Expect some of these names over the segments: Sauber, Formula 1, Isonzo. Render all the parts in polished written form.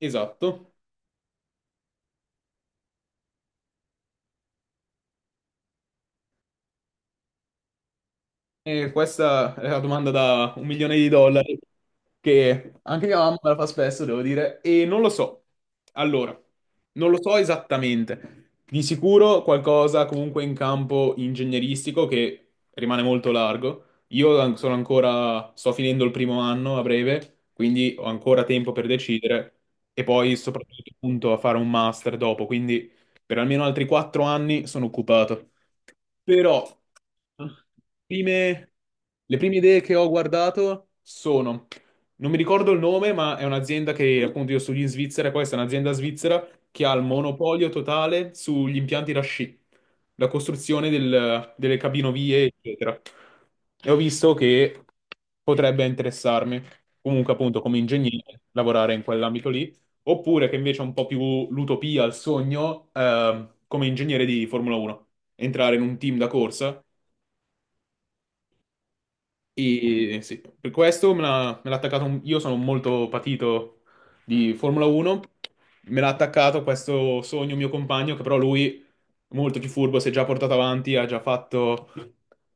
Esatto, e questa è la domanda da un milione di dollari che anche mia mamma me la fa spesso, devo dire, e non lo so. Allora, non lo so esattamente. Di sicuro qualcosa comunque in campo ingegneristico, che rimane molto largo. Sono ancora, sto finendo il primo anno a breve, quindi ho ancora tempo per decidere e poi soprattutto appunto a fare un master dopo, quindi per almeno altri quattro anni sono occupato. Però prime- le prime idee che ho guardato sono, non mi ricordo il nome, ma è un'azienda che appunto io studio in Svizzera, questa è un'azienda svizzera che ha il monopolio totale sugli impianti da sci, la costruzione delle cabinovie, eccetera. E ho visto che potrebbe interessarmi, comunque appunto come ingegnere, lavorare in quell'ambito lì, oppure che invece è un po' più l'utopia, il sogno, come ingegnere di Formula 1, entrare in un team da corsa. E sì, per questo me l'ha attaccato. Io sono molto patito di Formula 1. Me l'ha attaccato questo sogno mio compagno, che però lui, molto più furbo, si è già portato avanti. Ha già fatto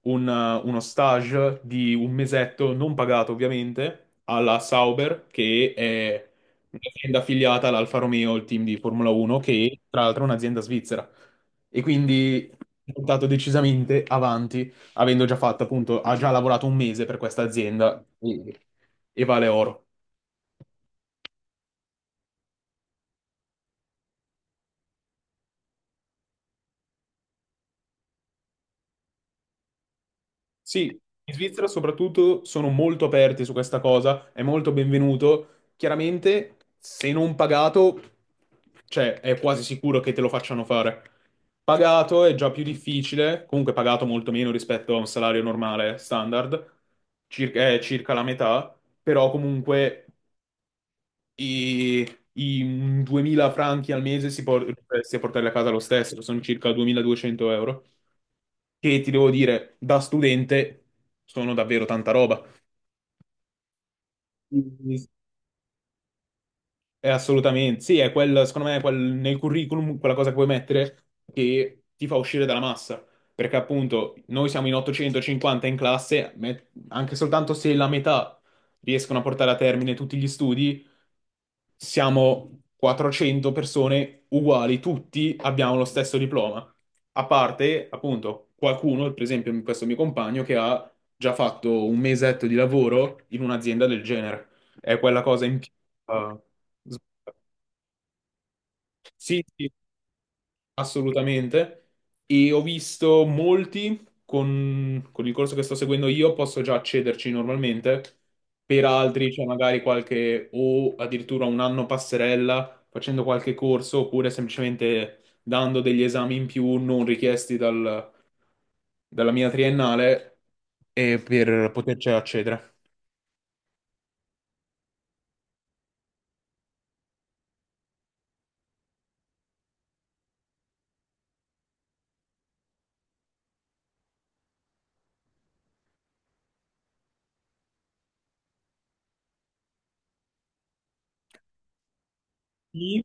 uno stage di un mesetto, non pagato ovviamente, alla Sauber, che è un'azienda affiliata all'Alfa Romeo, il team di Formula 1, che tra l'altro è un'azienda svizzera. E quindi è portato decisamente avanti avendo già fatto appunto, ha già lavorato un mese per questa azienda. Sì, e vale oro. Sì, in Svizzera soprattutto sono molto aperti su questa cosa, è molto benvenuto. Chiaramente, se non pagato, cioè è quasi sicuro che te lo facciano fare. Pagato è già più difficile, comunque pagato molto meno rispetto a un salario normale standard, circa, è circa la metà, però comunque e 2000 franchi al mese riusciresti a portarli a casa lo stesso, sono circa 2200 euro, che ti devo dire, da studente sono davvero tanta roba. Assolutamente, sì, è quel, secondo me, è quel, nel curriculum quella cosa che puoi mettere che ti fa uscire dalla massa, perché appunto noi siamo in 850 in classe, anche soltanto se la metà riescono a portare a termine tutti gli studi, siamo 400 persone uguali, tutti abbiamo lo stesso diploma, a parte appunto qualcuno, per esempio questo mio compagno, che ha già fatto un mesetto di lavoro in un'azienda del genere, è quella cosa in più. Ah, s- sì, sì, assolutamente. E ho visto molti con il corso che sto seguendo io, posso già accederci normalmente. Per altri c'è magari qualche o addirittura un anno passerella facendo qualche corso, oppure semplicemente dando degli esami in più non richiesti dalla mia triennale e per poterci accedere. Sì,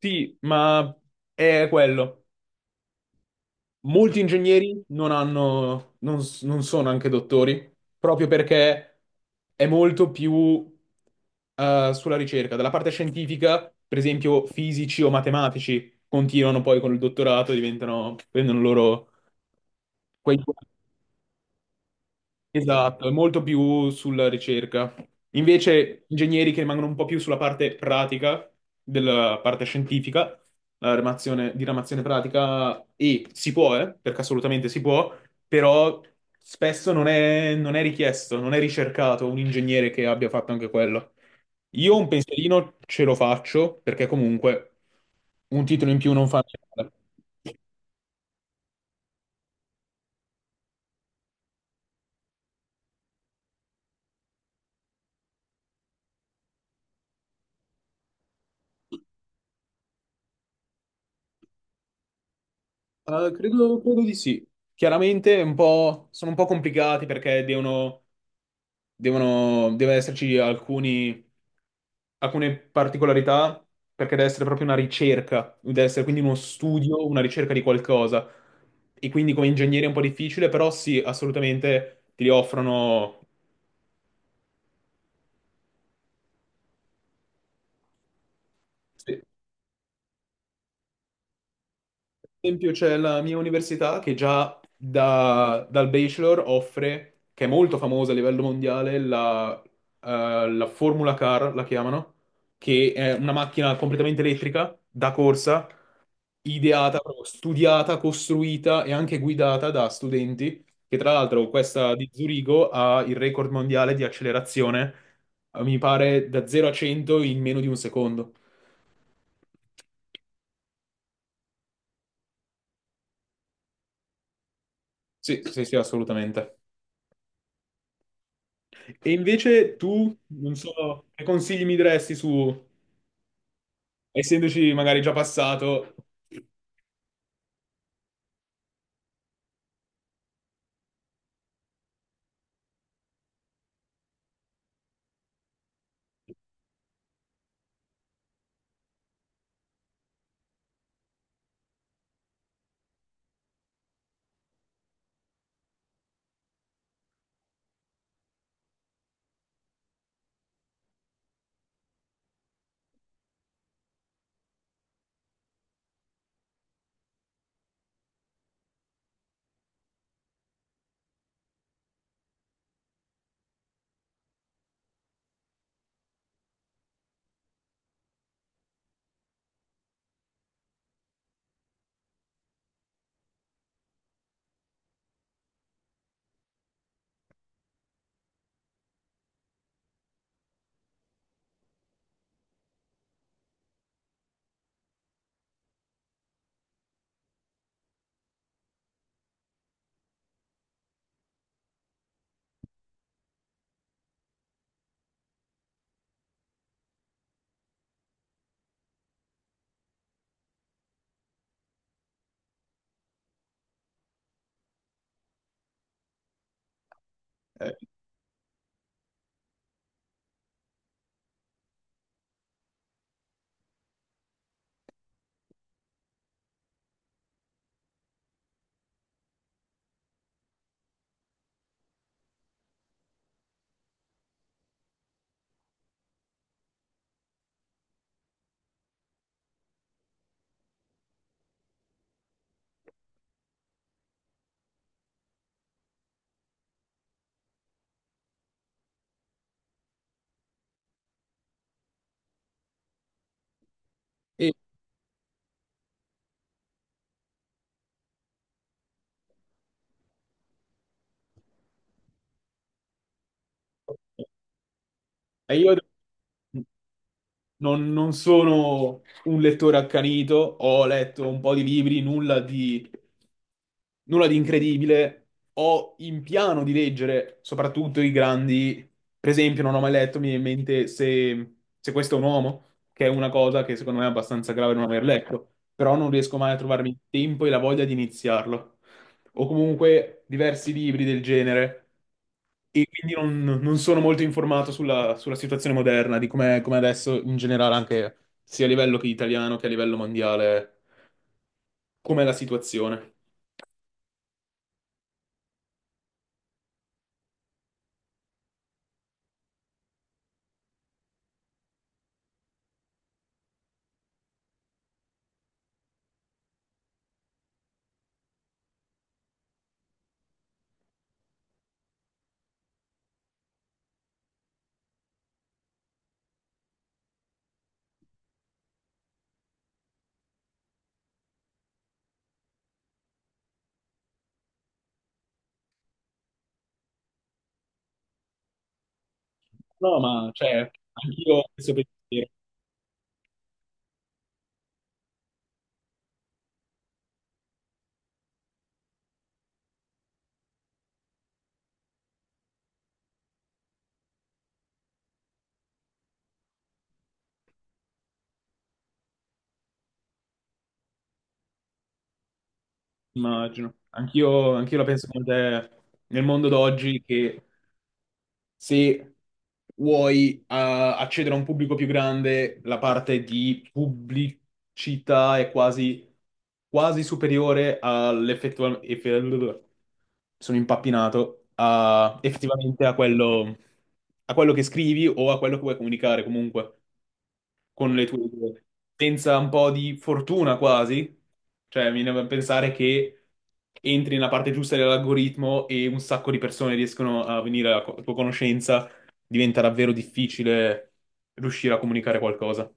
sì, ma è quello. Molti ingegneri non hanno, non, non sono anche dottori, proprio perché è molto più sulla ricerca. Dalla parte scientifica, per esempio, fisici o matematici continuano poi con il dottorato, e diventano, prendono loro quei... Esatto, è molto più sulla ricerca. Invece, ingegneri che rimangono un po' più sulla parte pratica, della parte scientifica, la diramazione pratica, e si può, perché assolutamente si può, però spesso non è, non è richiesto, non è ricercato un ingegnere che abbia fatto anche quello. Io un pensierino ce lo faccio, perché comunque un titolo in più non fa male. Credo, credo di sì. Chiaramente è un po'- sono un po' complicati perché deve esserci alcuni, alcune particolarità, perché deve essere proprio una ricerca, deve essere quindi uno studio, una ricerca di qualcosa. E quindi come ingegnere è un po' difficile, però sì, assolutamente ti offrono. Sì. Per esempio c'è la mia università che già dal bachelor offre, che è molto famosa a livello mondiale, la, la Formula Car, la chiamano, che è una macchina completamente elettrica da corsa ideata, proprio studiata, costruita e anche guidata da studenti, che tra l'altro questa di Zurigo ha il record mondiale di accelerazione, mi pare da 0 a 100 in meno di un secondo. Sì, sì, sì, assolutamente. E invece tu, non so, che consigli mi diresti su, essendoci magari già passato, eh, e, e io... Non, non sono un lettore accanito, ho letto un po' di libri, nulla di incredibile. Ho in piano di leggere soprattutto i grandi. Per esempio, non ho mai letto, mi viene in mente se, se questo è un uomo, che è una cosa che secondo me è abbastanza grave non aver letto, però non riesco mai a trovarmi il tempo e la voglia di iniziarlo. O comunque diversi libri del genere. E quindi non, non sono molto informato sulla, sulla situazione moderna, di com'è com'è adesso in generale, anche sia a livello che italiano che a livello mondiale, com'è la situazione. No, ma cioè, anch'io ho questo pensiero, immagino. Anch'io la penso come te nel mondo d'oggi, che se vuoi accedere a un pubblico più grande, la parte di pubblicità è quasi, quasi superiore all'effettivamente... Sono impappinato a, effettivamente a quello che scrivi o a quello che vuoi comunicare comunque con le tue idee. Senza un po' di fortuna quasi, cioè mi viene da pensare che entri nella parte giusta dell'algoritmo e un sacco di persone riescono a venire alla tua conoscenza, diventa davvero difficile riuscire a comunicare qualcosa.